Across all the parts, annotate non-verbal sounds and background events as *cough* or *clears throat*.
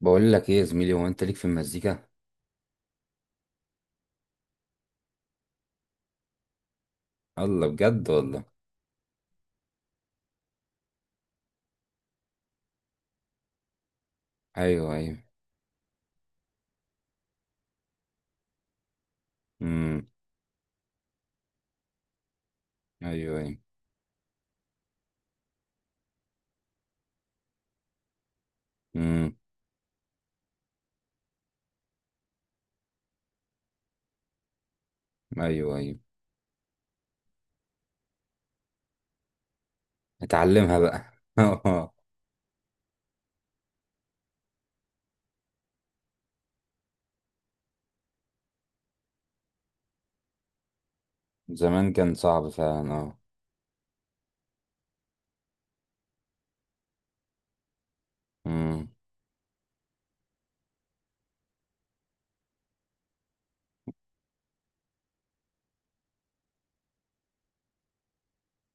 بقول لك ايه يا زميلي، هو انت ليك في المزيكا؟ الله، بجد والله. ايوه، ايوه. امم. ايوه، ايوه. امم. ايوه، ايوه. اتعلمها بقى. *laughs* زمان كان صعب فعلا، اه. امم.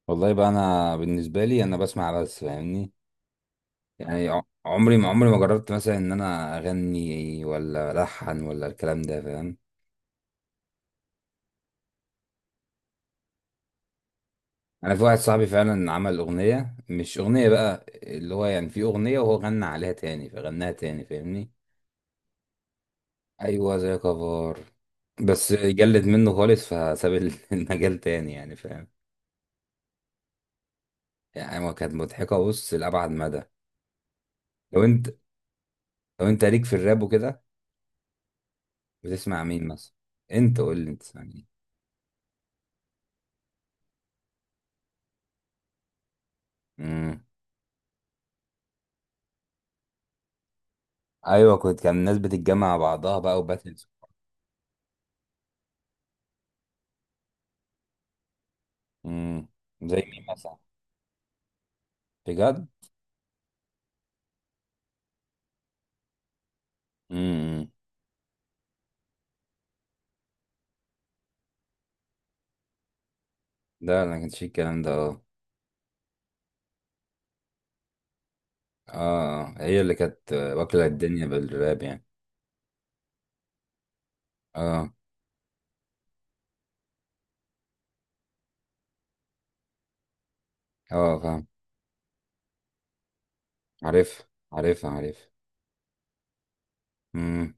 والله بقى، انا بالنسبه لي انا بسمع بس، فاهمني؟ يعني عمري ما جربت مثلا ان انا اغني ولا الحن ولا الكلام ده، فاهم. انا في واحد صاحبي فعلا عمل اغنيه، مش اغنيه بقى اللي هو، يعني في اغنيه وهو غنى عليها تاني فغناها تاني، فاهمني. ايوه، زي كفار. بس جلد منه خالص فساب *laughs* المجال تاني يعني، فاهم. يعني هو كانت مضحكه، بص، لابعد مدى. لو انت لو انت ليك في الراب وكده. بتسمع مين مثلا؟ انت قول لي، انت تسمع مين؟ امم. ايوه، كان الناس بتتجمع مع بعضها بقى وباتلز. امم. زي مين مثلا؟ بجد؟ امم. لا، انا ما كانش فيه الكلام ده، اه. اه، هي اللي كانت واكله الدنيا بالراب يعني. اه، اه، فاهم. عارف، عارف، عارف. امم.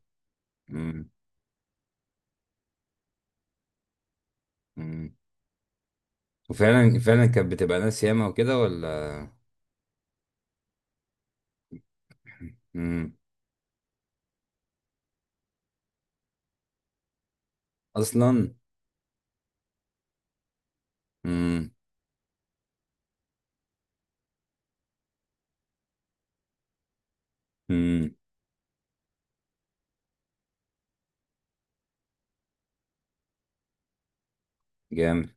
امم. وفعلا فعلا كانت بتبقى ناس ياما وكده، ولا؟ امم. اصلا؟ امم. امم. جامد.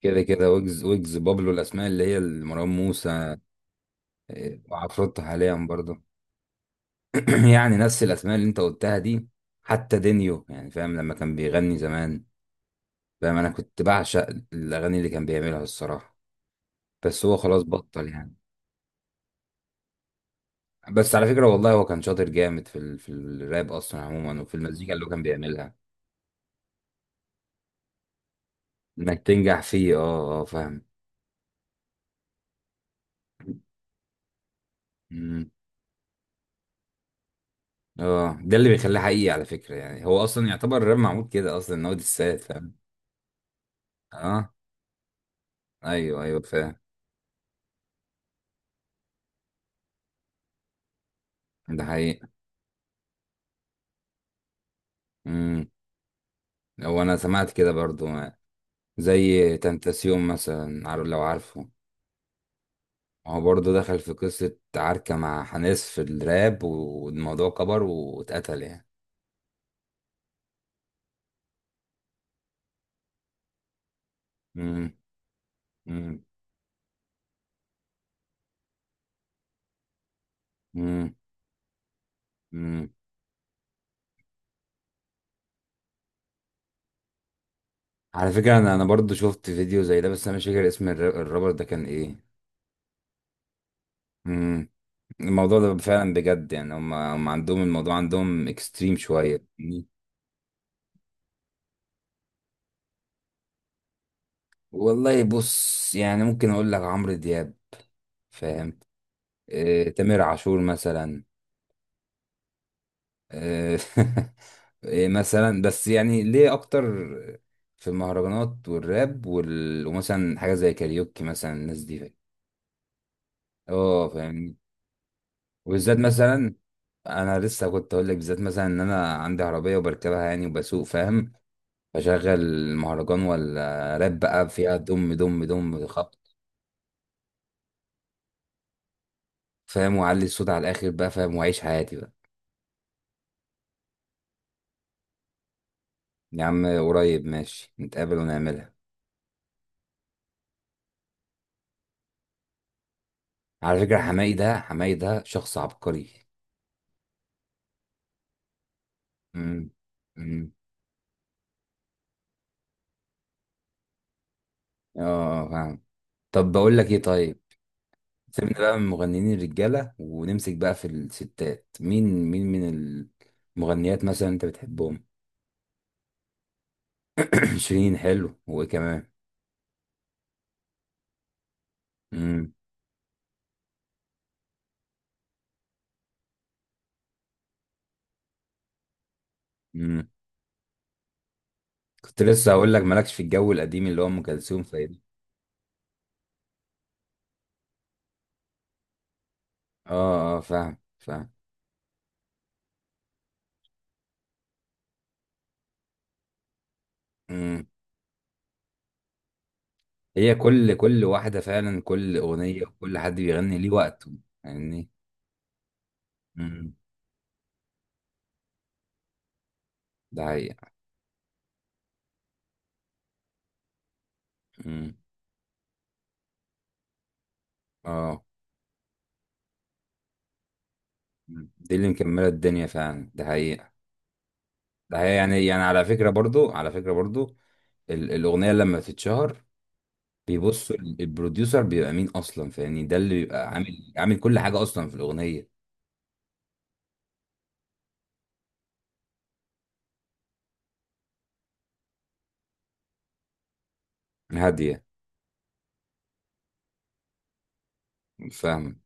كده كده، ويجز بابلو، الاسماء اللي هي مروان موسى. إيه، وعفروتو حاليا برضه. *clears throat* يعني نفس الاسماء اللي انت قلتها دي. حتى دينيو، يعني فاهم، لما كان بيغني زمان. فاهم، انا كنت بعشق الاغاني اللي كان بيعملها الصراحه. بس هو خلاص بطل يعني. بس على فكره والله، هو كان شاطر جامد في الراب اصلا عموما، وفي المزيكا اللي هو كان بيعملها. انك تنجح فيه، اه، اه، فاهم. اه، ده اللي بيخليه حقيقي على فكرة، يعني هو اصلا يعتبر الراب معمول كده اصلا ان هو دسات، فاهم. اه، ايوه، ايوه، فاهم. ده حقيقي. امم. هو انا سمعت كده برضو. زي تنتاسيوم مثلا، عارف، لو عارفه. هو برضو دخل في قصة عركة مع حناس في الراب، والموضوع كبر واتقتل يعني. امم. امم. امم. امم. على فكرة، انا برضو شفت فيديو زي ده، بس انا مش فاكر اسم الرابر ده كان ايه. الموضوع ده فعلا بجد، يعني هم عندهم الموضوع، عندهم اكستريم شوية، فاهمني؟ والله بص، يعني ممكن اقول لك عمرو دياب. فاهم. تامر عاشور مثلا. آه، *laughs* مثلا، بس يعني ليه اكتر في المهرجانات والراب ومثلا حاجة زي كاريوكي مثلا، الناس دي، فاهم؟ اه، فاهمني. وبالذات مثلا، انا لسه كنت اقول لك بالذات مثلا ان انا عندي عربية وبركبها يعني وبسوق، فاهم. اشغل مهرجان ولا راب بقى، فيها دم دم دم خبط. فاهم، واعلي الصوت على الاخر بقى، فاهم، واعيش حياتي بقى. يا عم، قريب ماشي، نتقابل ونعملها. على فكرة، حماقي ده حماقي ده شخص عبقري. امم. امم. اه، فاهم. طب بقول لك ايه، طيب. سيبنا بقى من مغنيين الرجالة ونمسك بقى في الستات، مين، مين من المغنيات مثلا انت بتحبهم؟ *clears throat* شيرين حلو، وايه كمان؟ امم. امم. كنت لسه هقول لك، مالكش في الجو القديم اللي هو ام كلثوم. اه، اه، فاهم، فاهم. امم. هي كل واحدة فعلا، كل أغنية وكل حد بيغني ليه وقته يعني. امم. ده حقيقة. امم. اه. مم. دي اللي مكملة الدنيا فعلا، ده حقيقة. ده حقيقة، يعني على فكرة برضو، الأغنية لما بتتشهر بيبصوا البروديوسر بيبقى مين أصلا، فاهمني، ده اللي بيبقى عامل كل حاجة أصلا في الأغنية. هادية. فاهم،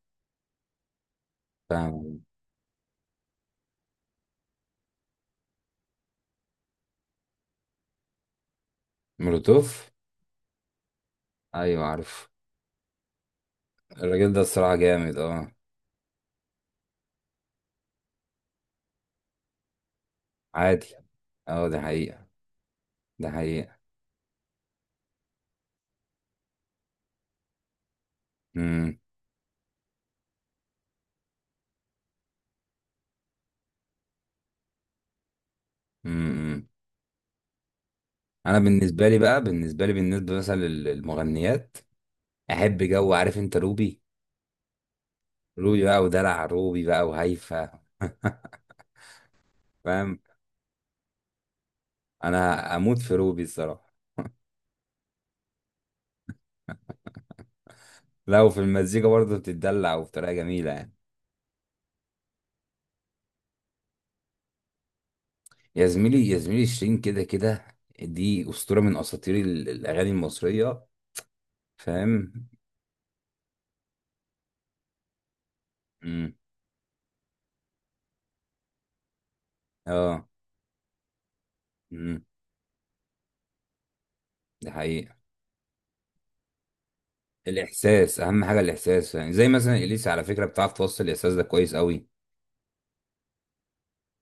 فاهم. مولوتوف. أيوة، عارف. الراجل ده الصراحة جامد، اه. عادي. اه، ده حقيقة. ده حقيقة. امم. امم. امم. انا بالنسبة لي بقى بالنسبة لي بالنسبة مثلا للمغنيات، احب جو، عارف انت روبي؟ روبي بقى، ودلع روبي بقى، وهيفا. *laughs* فاهم. انا اموت في روبي الصراحة. لو في المزيكا برضه بتتدلع، وبطريقة جميلة يعني. يا زميلي، يا زميلي، شيرين كده كده، دي أسطورة من أساطير الأغاني المصرية. فاهم. امم. اه. امم. ده حقيقة. الاحساس اهم حاجه، الاحساس، يعني زي مثلا اليسا، على فكره بتعرف توصل الاحساس ده كويس قوي.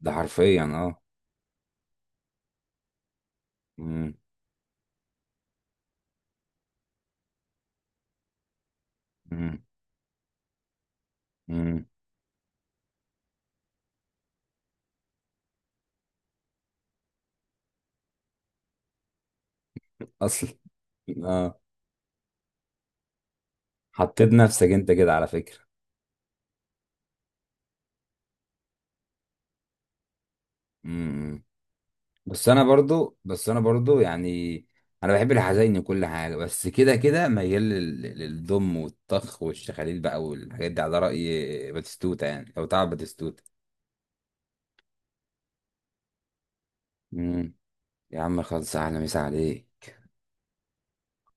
ده حرفيا، اه. مم. مم. مم. اصل، اه، حطيت نفسك انت كده على فكره. مم. بس انا برضو يعني، انا بحب الحزين وكل حاجه، بس كده كده ميال للضم والطخ والشخاليل بقى والحاجات دي، على راي باتيستوتا، يعني لو تعرف باتيستوتا. مم. يا عم، خلص، اهلا، مسا عليك.